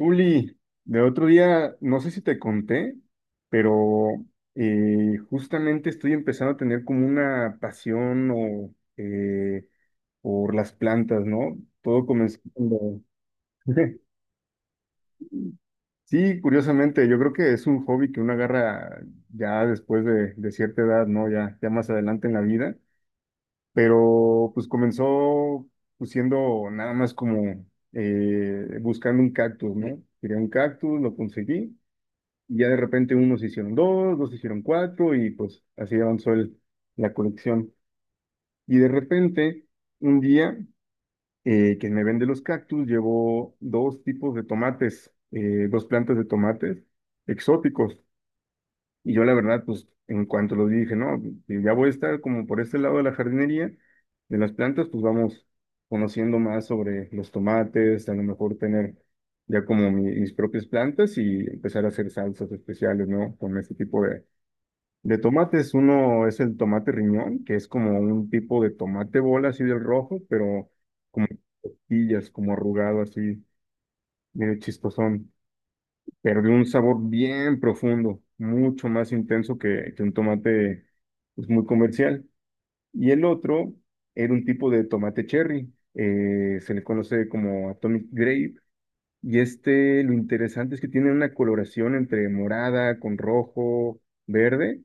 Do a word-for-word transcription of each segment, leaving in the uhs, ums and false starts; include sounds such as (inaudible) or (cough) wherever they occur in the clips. Uli, de otro día, no sé si te conté, pero eh, justamente estoy empezando a tener como una pasión o, eh, por las plantas, ¿no? Todo comenzó cuando- (laughs) Sí, curiosamente, yo creo que es un hobby que uno agarra ya después de, de cierta edad, ¿no? Ya, ya más adelante en la vida, pero pues comenzó pues, siendo nada más como eh, buscando un cactus, ¿no? Quería un cactus, lo conseguí. Y ya de repente unos hicieron dos, dos hicieron cuatro y pues así avanzó el- la colección. Y de repente, un día, eh, quien me vende los cactus llevó dos tipos de tomates, eh, dos plantas de tomates exóticos. Y yo la verdad, pues en cuanto los vi, dije, no, si ya voy a estar como por este lado de la jardinería, de las plantas, pues vamos conociendo más sobre los tomates, a lo mejor tener ya como mi- mis propias plantas y empezar a hacer salsas especiales, ¿no? Con este tipo de de tomates, uno es el tomate riñón, que es como un tipo de tomate bola, así del rojo, pero como pillas, como arrugado, así, medio chistosón, pero de un sabor bien profundo, mucho más intenso que, que un tomate pues, muy comercial. Y el otro era un tipo de tomate cherry, eh, se le conoce como Atomic Grape, y este, lo interesante es que tiene una coloración entre morada con rojo, verde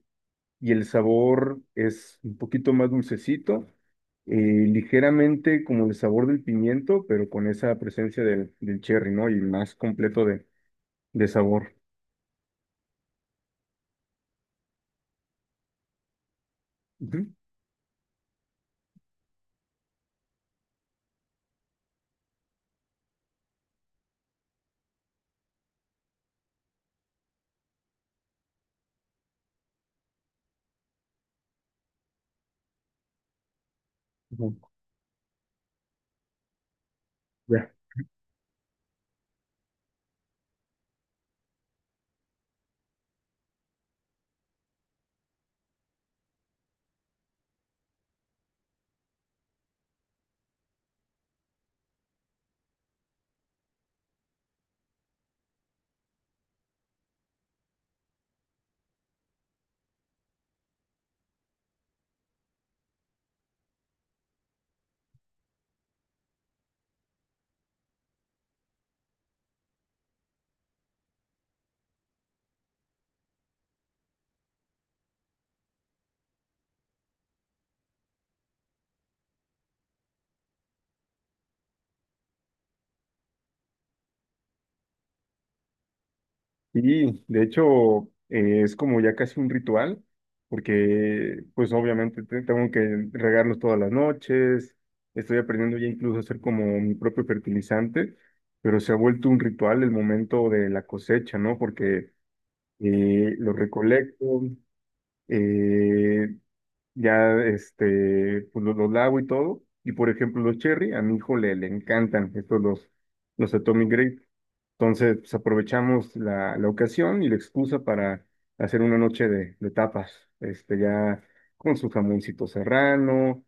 y el sabor es un poquito más dulcecito, eh, ligeramente como el sabor del pimiento, pero con esa presencia del, del cherry, ¿no? Y más completo de, de sabor. Ujú, ujú, ya. Y de hecho eh, es como ya casi un ritual, porque pues obviamente te- tengo que regarlos todas las noches, estoy aprendiendo ya incluso a hacer como mi propio fertilizante, pero se ha vuelto un ritual el momento de la cosecha, ¿no? Porque eh, lo recolecto, eh, ya este, pues los, los lavo y todo. Y por ejemplo, los cherry, a mi hijo le, le encantan estos los, los Atomic Grape. Entonces, pues, aprovechamos la, la ocasión y la excusa para hacer una noche de, de tapas, este, ya con su jamoncito serrano,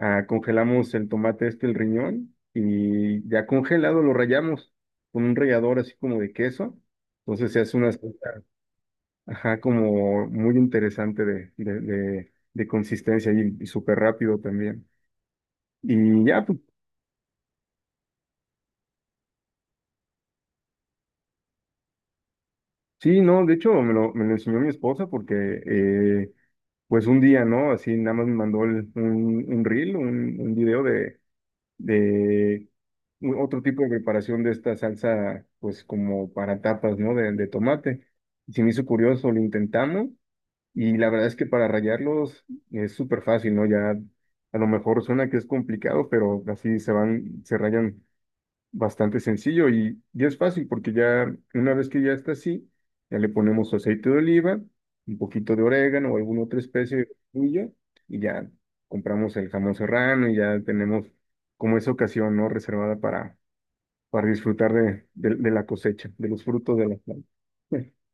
ah, congelamos el tomate este, el riñón, y ya congelado lo rallamos con un rallador así como de queso. Entonces se hace una salsa. Ajá, como muy interesante de, de, de, de consistencia y, y súper rápido también. Y ya, pues, sí, no, de hecho me lo, me lo enseñó mi esposa porque, eh, pues un día, ¿no? Así nada más me mandó el- un, un reel, un, un video de, de un- otro tipo de preparación de esta salsa, pues como para tapas, ¿no? De, de tomate. Y se me hizo curioso, lo intentamos. Y la verdad es que para rayarlos es súper fácil, ¿no? Ya a lo mejor suena que es complicado, pero así se van, se rayan bastante sencillo y, y es fácil porque ya una vez que ya está así, ya le ponemos su aceite de oliva, un poquito de orégano o alguna otra especie de orgullo y ya compramos el jamón serrano y ya tenemos como esa ocasión, ¿no? Reservada para, para disfrutar de, de, de la cosecha, de los frutos de la planta. (laughs)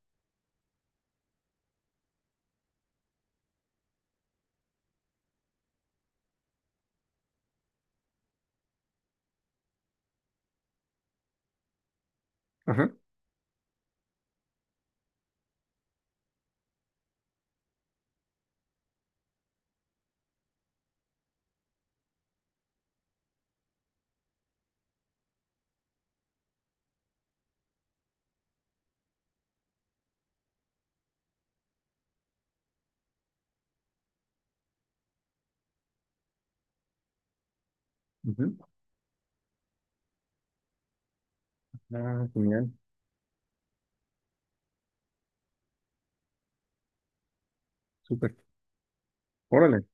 Ajá. Ujú. Ah, genial. Súper. Órale.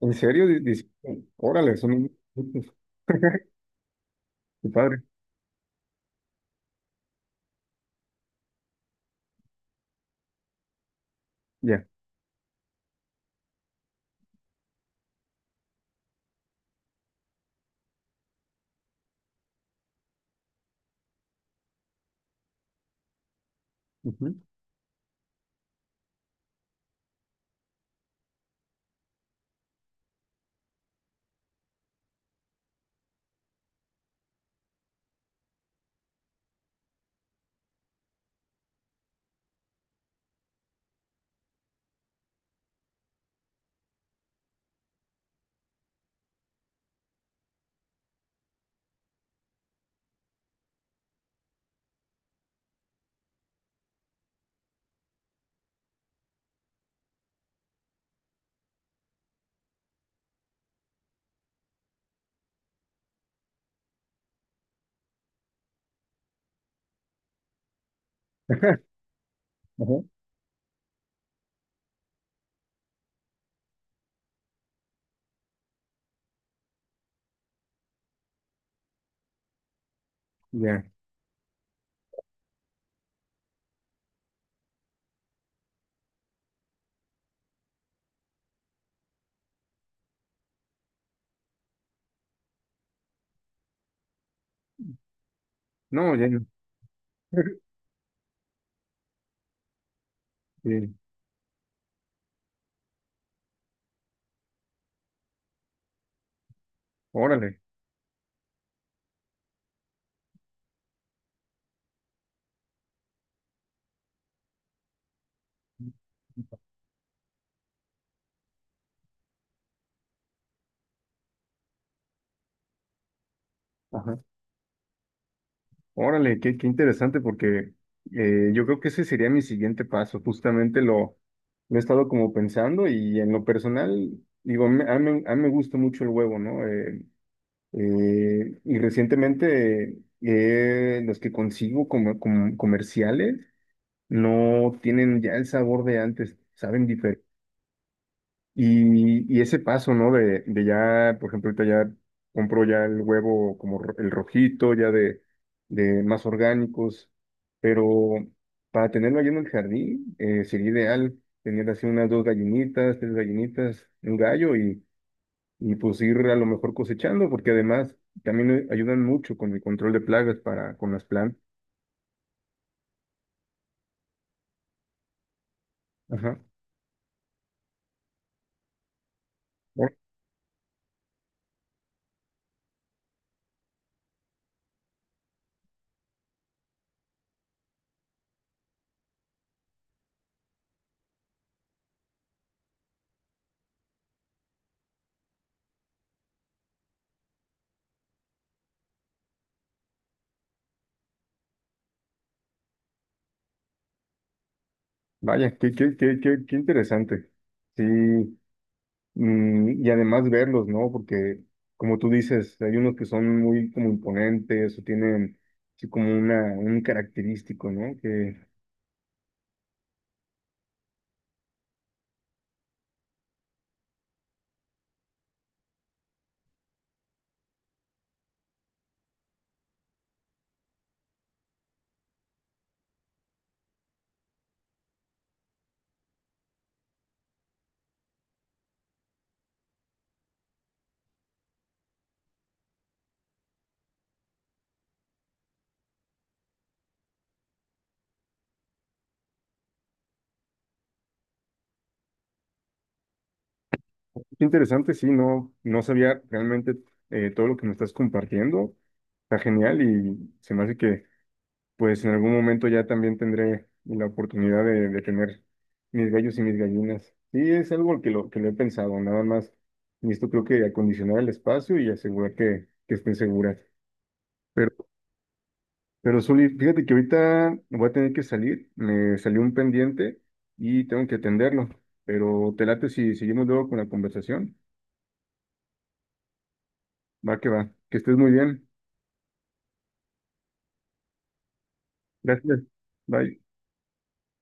¿En serio? Di- dice, Órale, son un- qué padre. Ya. Ujú. (laughs) Ajá. Ya. No, ya. No. (laughs) Sí, Órale. Ajá. Órale, qué, qué interesante porque eh, yo creo que ese sería mi siguiente paso. Justamente lo, lo he estado como pensando y en lo personal, digo, me- a mí, a mí me gusta mucho el huevo, ¿no? Eh, eh, y recientemente eh, los que consigo como, como comerciales no tienen ya el sabor de antes, saben diferente. Y, y ese paso, ¿no? De, de ya, por ejemplo, ahorita ya compro ya el huevo como ro- el rojito, ya de, de más orgánicos, pero para tenerlo allí en el jardín eh, sería ideal tener así unas dos gallinitas, tres gallinitas, un gallo y, y pues ir a lo mejor cosechando, porque además también ayudan mucho con el control de plagas para con las plantas. Ajá. Oh, vaya, qué, qué, qué, qué, qué interesante. Sí, mm, y además verlos, ¿no? Porque, como tú dices, hay unos que son muy como imponentes o tienen así como una, un característico, ¿no? Que qué interesante, sí, no, no sabía realmente eh, todo lo que me estás compartiendo. Está genial y se me hace que, pues, en algún momento ya también tendré la oportunidad de, de tener mis gallos y mis gallinas. Sí, es algo que lo, que lo he pensado, nada más. Y esto creo que acondicionar el espacio y asegurar que, que estén seguras. Pero Zuli, fíjate que ahorita voy a tener que salir, me salió un pendiente y tengo que atenderlo, pero te late si seguimos luego con la conversación. Va que va, que estés muy bien. Gracias. Bye.